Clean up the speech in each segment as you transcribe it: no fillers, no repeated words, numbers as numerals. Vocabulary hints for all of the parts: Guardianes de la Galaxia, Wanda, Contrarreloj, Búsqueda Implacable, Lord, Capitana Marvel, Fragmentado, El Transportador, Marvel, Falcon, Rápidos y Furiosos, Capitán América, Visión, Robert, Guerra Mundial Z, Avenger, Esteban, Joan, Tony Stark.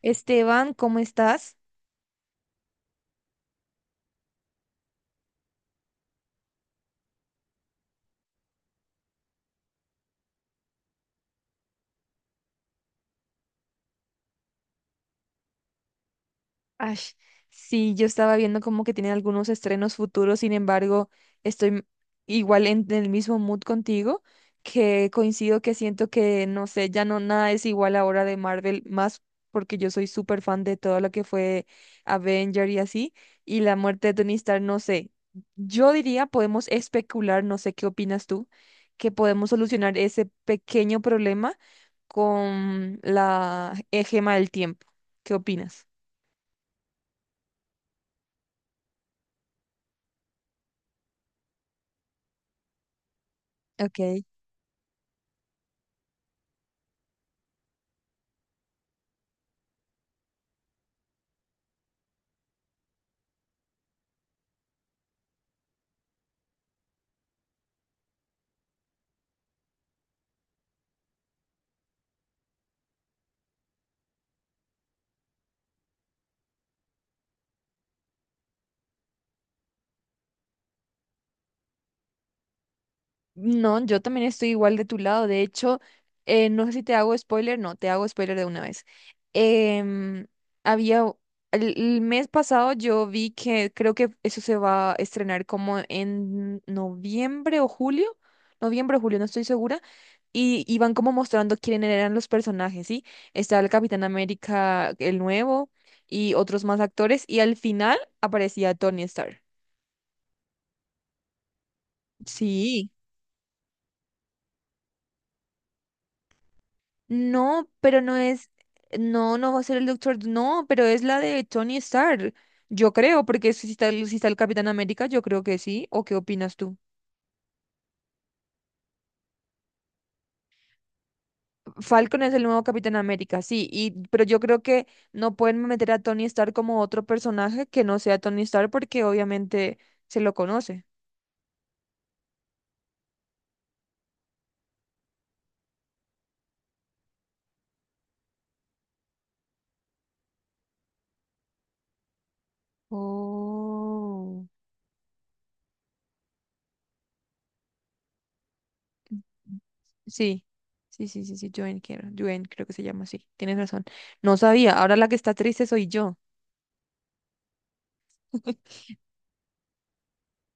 Esteban, ¿cómo estás? Ay, sí, yo estaba viendo como que tienen algunos estrenos futuros. Sin embargo, estoy m- igual en el mismo mood contigo, que coincido, que siento que, no sé, ya no nada es igual ahora de Marvel, más porque yo soy súper fan de todo lo que fue Avenger y así. Y la muerte de Tony Stark, no sé, yo diría, podemos especular, no sé qué opinas tú, que podemos solucionar ese pequeño problema con la gema del tiempo. ¿Qué opinas? Ok. No, yo también estoy igual de tu lado. De hecho, no sé si te hago spoiler. No, te hago spoiler de una vez. Em, había, u- el mes pasado yo vi que creo que eso se va a estrenar como en noviembre o julio, no estoy segura, y iban como mostrando quiénes eran los personajes, ¿sí? Estaba el Capitán América, el nuevo, y otros más actores, y al final aparecía Tony Stark. Sí. No, pero no es, no, no va a ser el Doctor, no, pero es la de Tony Stark, yo creo, porque si está, si está el Capitán América, yo creo que sí, ¿o qué opinas tú? Falcon es el nuevo Capitán América, sí, y, pero yo creo que no pueden meter a Tony Stark como otro personaje que no sea Tony Stark, porque obviamente se lo conoce. Oh. Sí, sí, sí, sí, sí, Joan, quiero, Joan, creo que se llama así, tienes razón. No sabía, ahora la que está triste soy yo.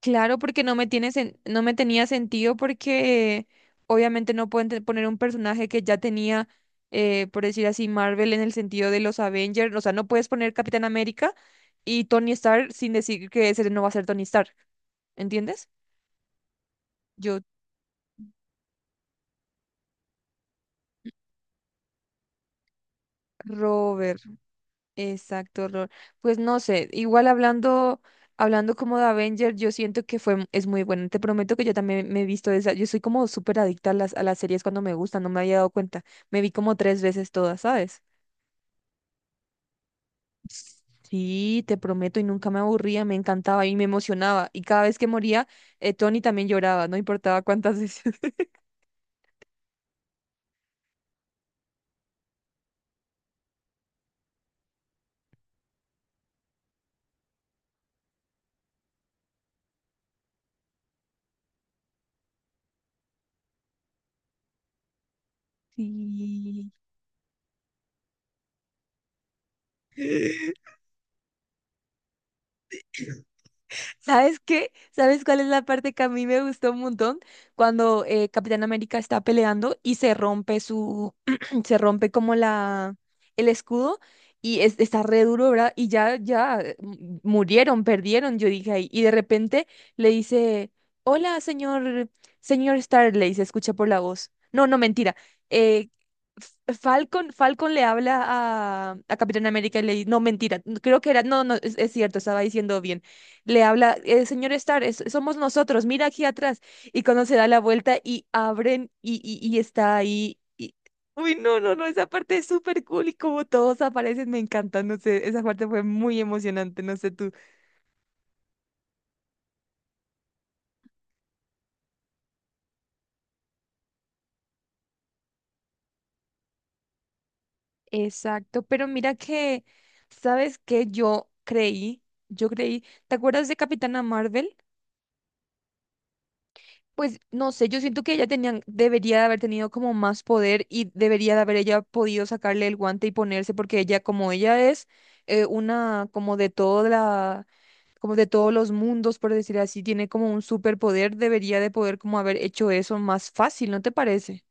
Claro, porque no me tenía sentido, porque obviamente no pueden te- poner un personaje que ya tenía, por decir así, Marvel en el sentido de los Avengers. O sea, no puedes poner Capitán América y Tony Stark sin decir que ese no va a ser Tony Stark. ¿Entiendes? Yo, Robert. Exacto, Lord. Pues no sé, hablando como de Avenger, yo siento que es muy buena. Te prometo que yo también me he visto esa. Yo soy como súper adicta a a las series cuando me gustan, no me había dado cuenta. Me vi como tres veces todas, ¿sabes? Sí, te prometo, y nunca me aburría, me encantaba y me emocionaba. Y cada vez que moría, Tony, también lloraba, no importaba cuántas veces. Sí. ¿Sabes qué? ¿Sabes cuál es la parte que a mí me gustó un montón? Cuando Capitán América está peleando y se rompe su, se rompe como la, el escudo y está re duro, ¿verdad? Y ya, ya murieron, perdieron, yo dije ahí. Y de repente le dice, hola, señor, señor Stark, le dice, escucha por la voz. No, no, mentira. Eh, Falcon, Falcon le habla a Capitán América y le dice, no, mentira, creo que era, no, no, es cierto, estaba diciendo bien, le habla, señor Stark, somos nosotros, mira aquí atrás." Y cuando se da la vuelta y abren, y está ahí. Uy, no, no, no, esa parte es súper cool, y como todos aparecen, me encanta, no sé, esa parte fue muy emocionante, no sé tú. Exacto, pero mira que, ¿sabes qué? Yo creí, ¿te acuerdas de Capitana Marvel? Pues no sé, yo siento que ella tenía, debería de haber tenido como más poder, y debería de haber ella podido sacarle el guante y ponerse, porque ella, como ella es una, como de toda la, como de todos los mundos, por decir así, tiene como un superpoder, debería de poder como haber hecho eso más fácil, ¿no te parece?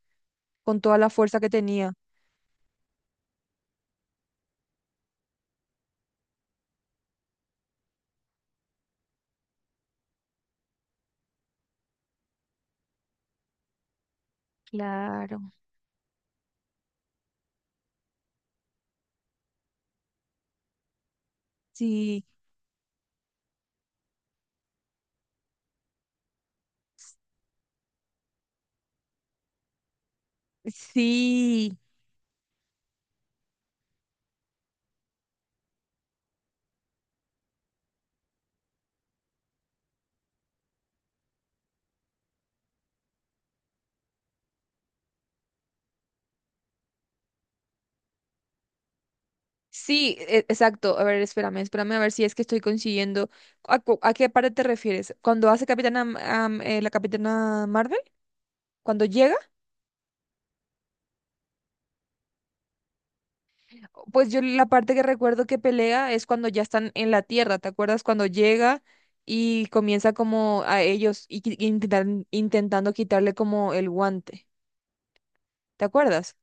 Con toda la fuerza que tenía. Claro. Sí, sí. Sí, exacto. A ver, espérame, espérame a ver si es que estoy consiguiendo. ¿A, a qué parte te refieres? ¿Cuando hace Capitana, la Capitana Marvel? ¿Cuando llega? Pues yo la parte que recuerdo que pelea es cuando ya están en la Tierra, ¿te acuerdas? Cuando llega y comienza como a ellos y, intentando quitarle como el guante. ¿Te acuerdas?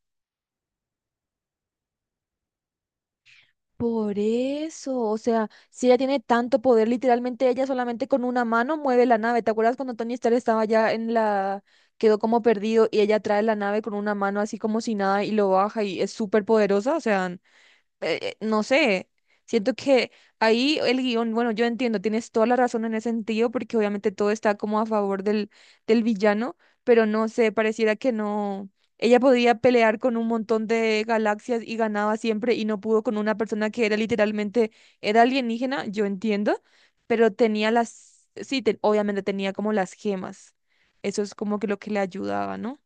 Por eso, o sea, si ella tiene tanto poder, literalmente ella solamente con una mano mueve la nave. ¿Te acuerdas cuando Tony Stark estaba ya en la... quedó como perdido y ella trae la nave con una mano así como si nada y lo baja y es súper poderosa? O sea, no sé, siento que ahí el guión, bueno, yo entiendo, tienes toda la razón en ese sentido, porque obviamente todo está como a favor del villano, pero no sé, pareciera que no. Ella podía pelear con un montón de galaxias y ganaba siempre y no pudo con una persona que era literalmente, era alienígena, yo entiendo, pero tenía las, sí, obviamente tenía como las gemas. Eso es como que lo que le ayudaba, ¿no?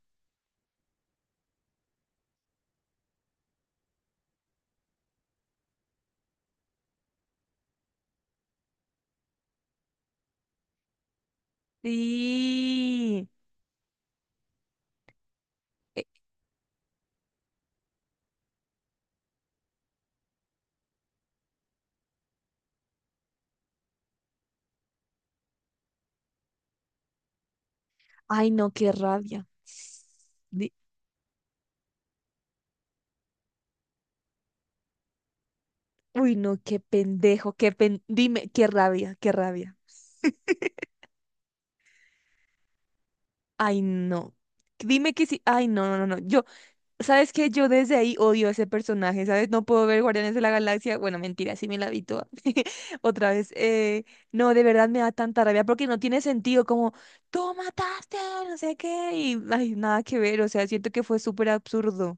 Sí. Eh, ay, no, qué rabia. Uy, no, qué pendejo, qué pen... Dime, qué rabia, qué rabia. Ay, no. Dime que sí. Ay, no, no, no, no. ¿Sabes qué? Yo desde ahí odio a ese personaje, ¿sabes? No puedo ver Guardianes de la Galaxia. Bueno, mentira, sí me la vi toda. Otra vez. No, de verdad me da tanta rabia porque no tiene sentido. Como, tú mataste, no sé qué. Y, ay, nada que ver. O sea, siento que fue súper absurdo.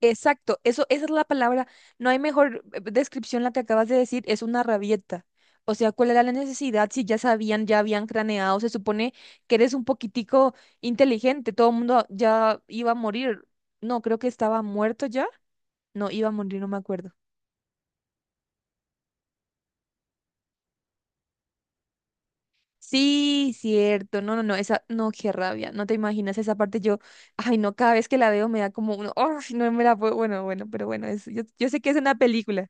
Exacto, eso, esa es la palabra. No hay mejor descripción la que acabas de decir, es una rabieta. O sea, ¿cuál era la necesidad si ya sabían, ya habían craneado? Se supone que eres un poquitico inteligente, todo el mundo ya iba a morir. No, creo que estaba muerto ya. No, iba a morir, no me acuerdo. Sí, cierto. No, no, no, esa, no, qué rabia. No te imaginas esa parte. Yo, ay, no, cada vez que la veo me da como un, "Ay, no me la puedo." Bueno, bueno, pero bueno, es, yo sé que es una película.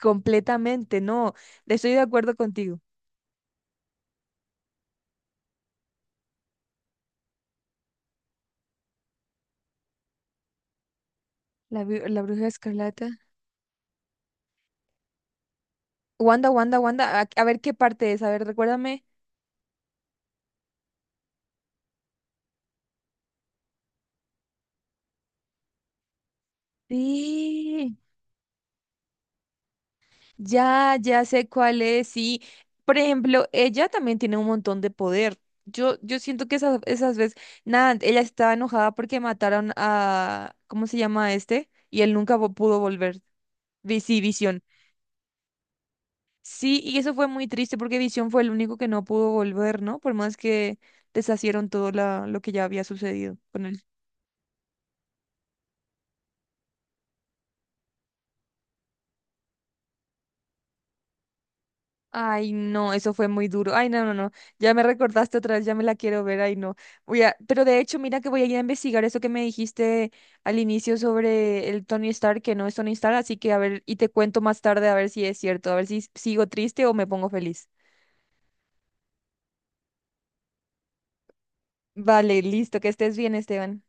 Completamente, no. Estoy de acuerdo contigo. La, la bruja escarlata. Wanda, Wanda, Wanda. A ver qué parte es. A ver, recuérdame. Sí, ya, ya sé cuál es. Sí. Por ejemplo, ella también tiene un montón de poder. Yo siento que esas, esas veces, nada, ella estaba enojada porque mataron a, ¿cómo se llama este? Y él nunca vo- pudo volver. Sí, Visión. Sí, y eso fue muy triste porque Visión fue el único que no pudo volver, ¿no? Por más que deshacieron todo lo que ya había sucedido con él. Ay, no, eso fue muy duro. Ay, no, no, no. Ya me recordaste otra vez, ya me la quiero ver. Ay, no. Voy a, pero de hecho, mira que voy a ir a investigar eso que me dijiste al inicio sobre el Tony Stark, que no es Tony Stark, así que a ver, y te cuento más tarde a ver si es cierto, a ver si sigo triste o me pongo feliz. Vale, listo, que estés bien, Esteban.